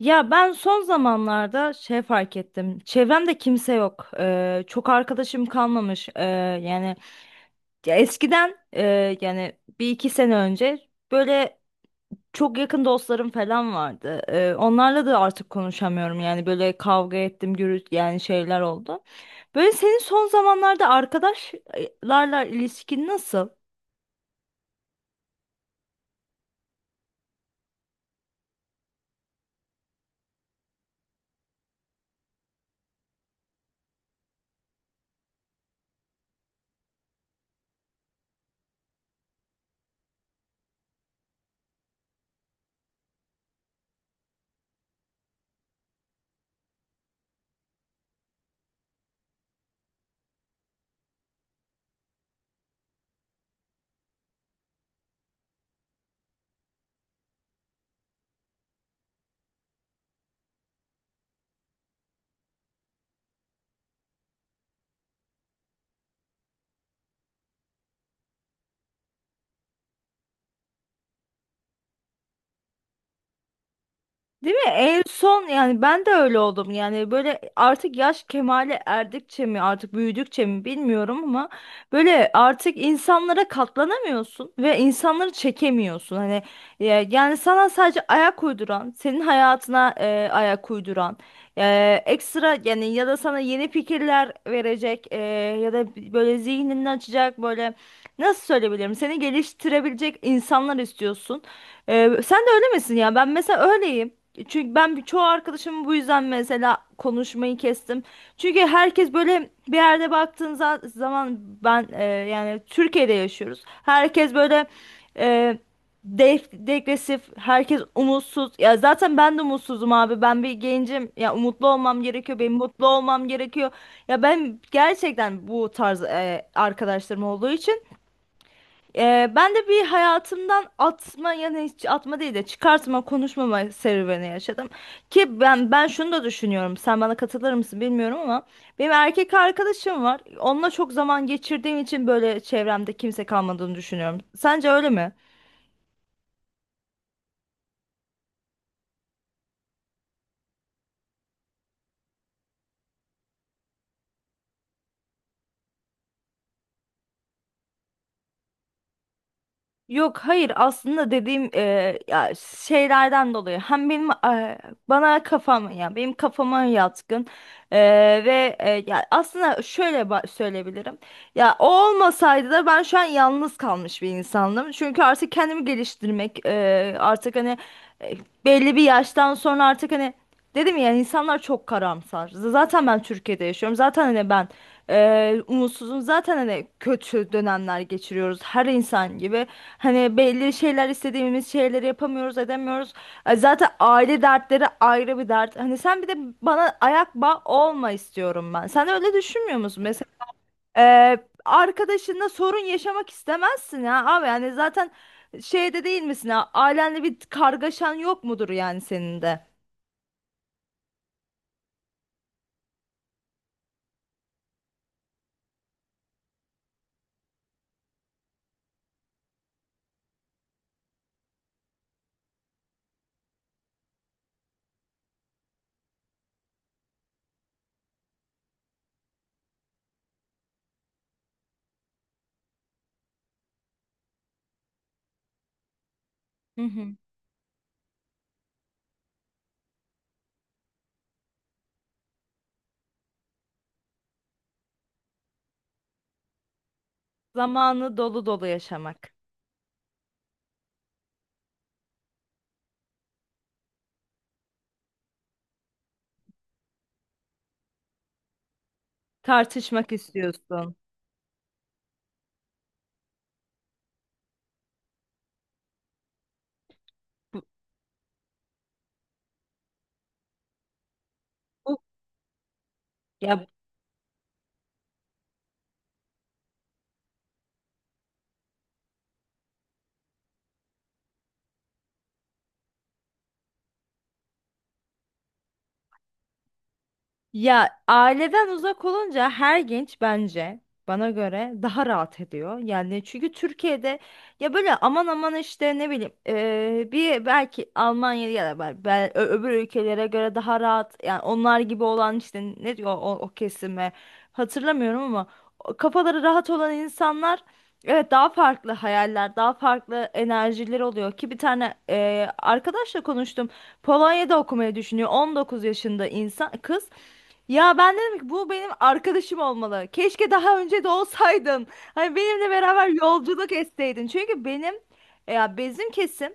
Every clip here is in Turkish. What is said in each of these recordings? Ya ben son zamanlarda şey fark ettim. Çevremde kimse yok. Çok arkadaşım kalmamış. Yani ya eskiden yani bir iki sene önce böyle çok yakın dostlarım falan vardı. Onlarla da artık konuşamıyorum. Yani böyle kavga ettim, gürültü yani şeyler oldu. Böyle senin son zamanlarda arkadaşlarla ilişkin nasıl? Değil mi? En son yani ben de öyle oldum. Yani böyle artık yaş kemale erdikçe mi artık büyüdükçe mi bilmiyorum ama böyle artık insanlara katlanamıyorsun ve insanları çekemiyorsun. Hani yani sana sadece ayak uyduran, senin hayatına ayak uyduran, ekstra yani ya da sana yeni fikirler verecek ya da böyle zihnini açacak böyle, nasıl söyleyebilirim? Seni geliştirebilecek insanlar istiyorsun. Sen de öyle misin ya? Ben mesela öyleyim. Çünkü ben çoğu arkadaşımı bu yüzden mesela konuşmayı kestim. Çünkü herkes böyle bir yerde baktığın zaman ben, yani Türkiye'de yaşıyoruz. Herkes böyle e, degresif, herkes umutsuz. Ya zaten ben de umutsuzum abi. Ben bir gencim. Ya umutlu olmam gerekiyor. Benim mutlu olmam gerekiyor. Ya ben gerçekten bu tarz arkadaşlarım olduğu için ben de bir hayatımdan atma, yani hiç atma değil de çıkartma, konuşmama serüveni yaşadım. Ki ben şunu da düşünüyorum. Sen bana katılır mısın bilmiyorum ama benim erkek arkadaşım var. Onunla çok zaman geçirdiğim için böyle çevremde kimse kalmadığını düşünüyorum. Sence öyle mi? Yok, hayır, aslında dediğim ya şeylerden dolayı hem benim bana kafam, ya benim kafama yatkın. E, ve ya aslında şöyle söyleyebilirim, ya o olmasaydı da ben şu an yalnız kalmış bir insandım çünkü artık kendimi geliştirmek, artık hani, e, belli bir yaştan sonra artık hani, dedim ya, insanlar çok karamsar. Zaten ben Türkiye'de yaşıyorum. Zaten hani ben umutsuzum. Zaten hani kötü dönemler geçiriyoruz. Her insan gibi. Hani belli şeyler, istediğimiz şeyleri yapamıyoruz, edemiyoruz. Zaten aile dertleri ayrı bir dert. Hani sen bir de bana ayak bağı olma istiyorum ben. Sen de öyle düşünmüyor musun? Mesela eee arkadaşınla sorun yaşamak istemezsin ya abi. Yani zaten şeyde değil misin ya? Ailenle bir kargaşan yok mudur, yani senin de? Zamanı dolu dolu yaşamak. Tartışmak istiyorsun. Bu, ya Ya aileden uzak olunca her genç, bence bana göre, daha rahat ediyor. Yani çünkü Türkiye'de, ya böyle aman aman işte, ne bileyim, bir belki Almanya ya da öbür ülkelere göre daha rahat, yani onlar gibi olan, işte ne diyor o kesime, hatırlamıyorum ama o kafaları rahat olan insanlar, evet, daha farklı hayaller, daha farklı enerjileri oluyor. Ki bir tane arkadaşla konuştum. Polonya'da okumayı düşünüyor, 19 yaşında insan kız. Ya ben dedim ki bu benim arkadaşım olmalı. Keşke daha önce de olsaydın. Hani benimle beraber yolculuk etseydin. Çünkü benim, ya bizim kesim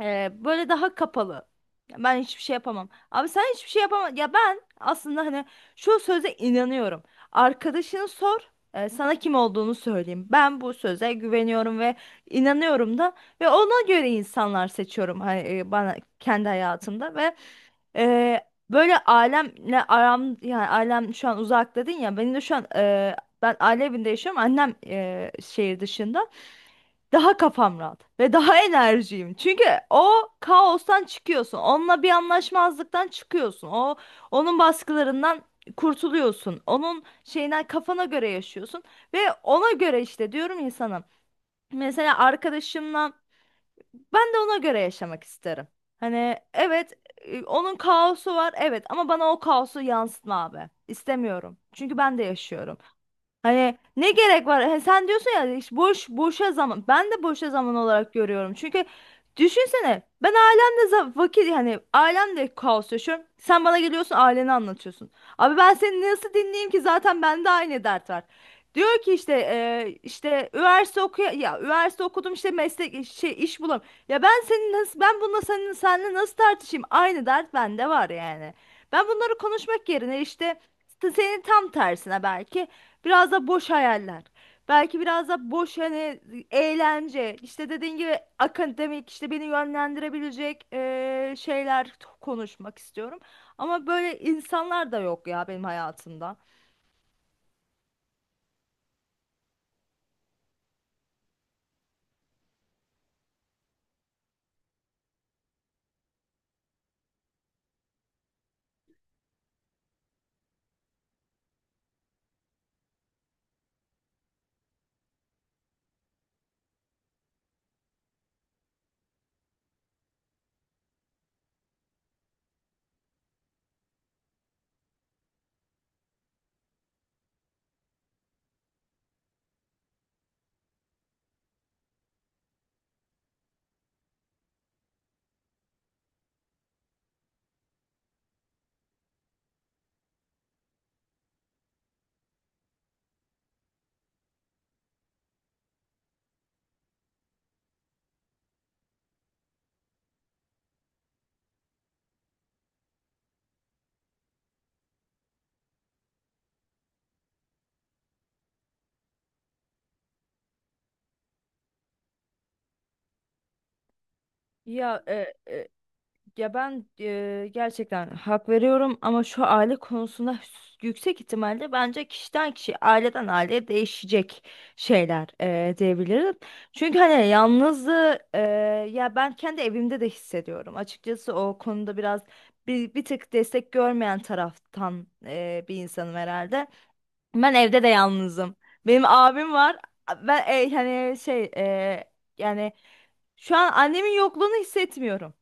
böyle daha kapalı. Ya ben hiçbir şey yapamam. Abi sen hiçbir şey yapamam. Ya ben aslında hani şu söze inanıyorum. Arkadaşını sor, sana kim olduğunu söyleyeyim. Ben bu söze güveniyorum ve inanıyorum da, ve ona göre insanlar seçiyorum hani, bana kendi hayatımda, ve e, böyle ailemle aram, yani ailem şu an uzak dedin ya, benim de şu an ben aile evinde yaşıyorum. Annem şehir dışında. Daha kafam rahat ve daha enerjiyim. Çünkü o kaostan çıkıyorsun. Onunla bir anlaşmazlıktan çıkıyorsun. O, onun baskılarından kurtuluyorsun. Onun şeyinden, kafana göre yaşıyorsun ve ona göre işte diyorum, insanım. Mesela arkadaşımla ben de ona göre yaşamak isterim. Hani evet, onun kaosu var, evet, ama bana o kaosu yansıtma abi. İstemiyorum. Çünkü ben de yaşıyorum. Hani ne gerek var? He, sen diyorsun ya işte, boş boşa zaman. Ben de boşa zaman olarak görüyorum. Çünkü düşünsene, ben ailemle vakit, yani ailemle kaos yaşıyorum. Sen bana geliyorsun, aileni anlatıyorsun. Abi ben seni nasıl dinleyeyim ki, zaten bende aynı dert var. Diyor ki işte, işte üniversite okuya, ya üniversite okudum işte, meslek şey, iş bulam. Ya ben senin nasıl, ben bununla, seninle nasıl tartışayım? Aynı dert bende var yani. Ben bunları konuşmak yerine işte, senin tam tersine belki. Biraz da boş hayaller. Belki biraz da boş hani eğlence. İşte dediğin gibi akademik, işte beni yönlendirebilecek şeyler konuşmak istiyorum. Ama böyle insanlar da yok ya benim hayatımda. Ya e, e, Ya ben gerçekten hak veriyorum ama şu aile konusunda yüksek ihtimalle, bence kişiden kişiye, aileden aileye değişecek şeyler, diyebilirim. Çünkü hani yalnızlığı, ya ben kendi evimde de hissediyorum. Açıkçası o konuda biraz bir tık destek görmeyen taraftan, bir insanım herhalde. Ben evde de yalnızım. Benim abim var. Ben hani şey, yani şu an annemin yokluğunu hissetmiyorum.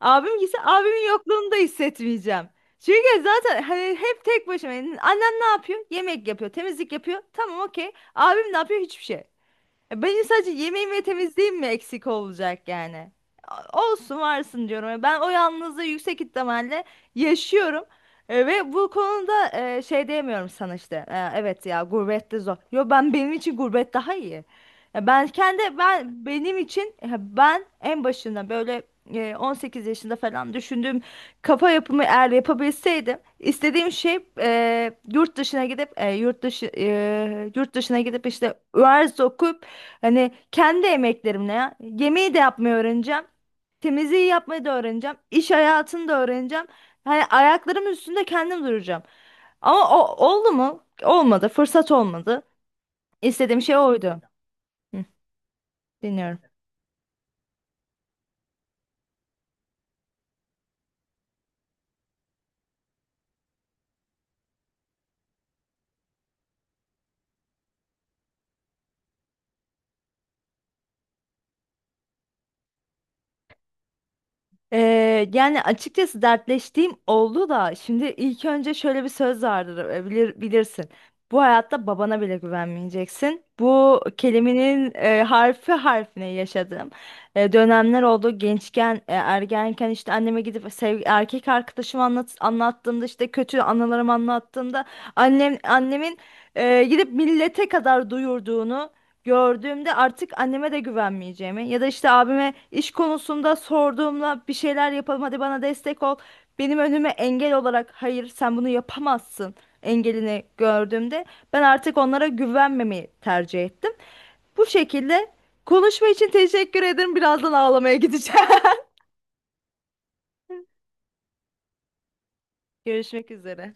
Abim gitse, abimin yokluğunu da hissetmeyeceğim. Çünkü zaten hani hep tek başıma. Annen ne yapıyor? Yemek yapıyor, temizlik yapıyor. Tamam, okey. Abim ne yapıyor? Hiçbir şey. Ya benim sadece yemeğim ve temizliğim mi eksik olacak yani? Olsun varsın diyorum. Ben o yalnızlığı yüksek ihtimalle yaşıyorum. Ve bu konuda, şey diyemiyorum sana işte. Evet ya, gurbette zor. Yo, ben, benim için gurbet daha iyi. Ya ben kendi, benim için, ben en başında böyle 18 yaşında falan düşündüğüm kafa yapımı eğer yapabilseydim, istediğim şey yurt dışına gidip, yurt dışı, yurt dışına gidip işte üniversite okuyup, hani kendi emeklerimle ya. Yemeği de yapmayı öğreneceğim. Temizliği yapmayı da öğreneceğim. İş hayatını da öğreneceğim. Hani ayaklarım üstünde kendim duracağım. Ama o oldu mu? Olmadı. Fırsat olmadı. İstediğim şey oydu. Hı, dinliyorum. Yani açıkçası dertleştiğim oldu da, şimdi ilk önce şöyle bir söz vardır, bilirsin. Bu hayatta babana bile güvenmeyeceksin. Bu kelimenin harfi harfine yaşadığım dönemler oldu. Gençken, ergenken, işte anneme gidip sev erkek arkadaşımı, anlat anlattığımda, işte kötü anılarımı anlattığımda, annemin gidip millete kadar duyurduğunu gördüğümde, artık anneme de güvenmeyeceğimi, ya da işte abime iş konusunda sorduğumda, bir şeyler yapalım hadi bana destek ol, benim önüme engel olarak hayır sen bunu yapamazsın engelini gördüğümde, ben artık onlara güvenmemeyi tercih ettim. Bu şekilde konuşma için teşekkür ederim. Birazdan ağlamaya gideceğim. Görüşmek üzere.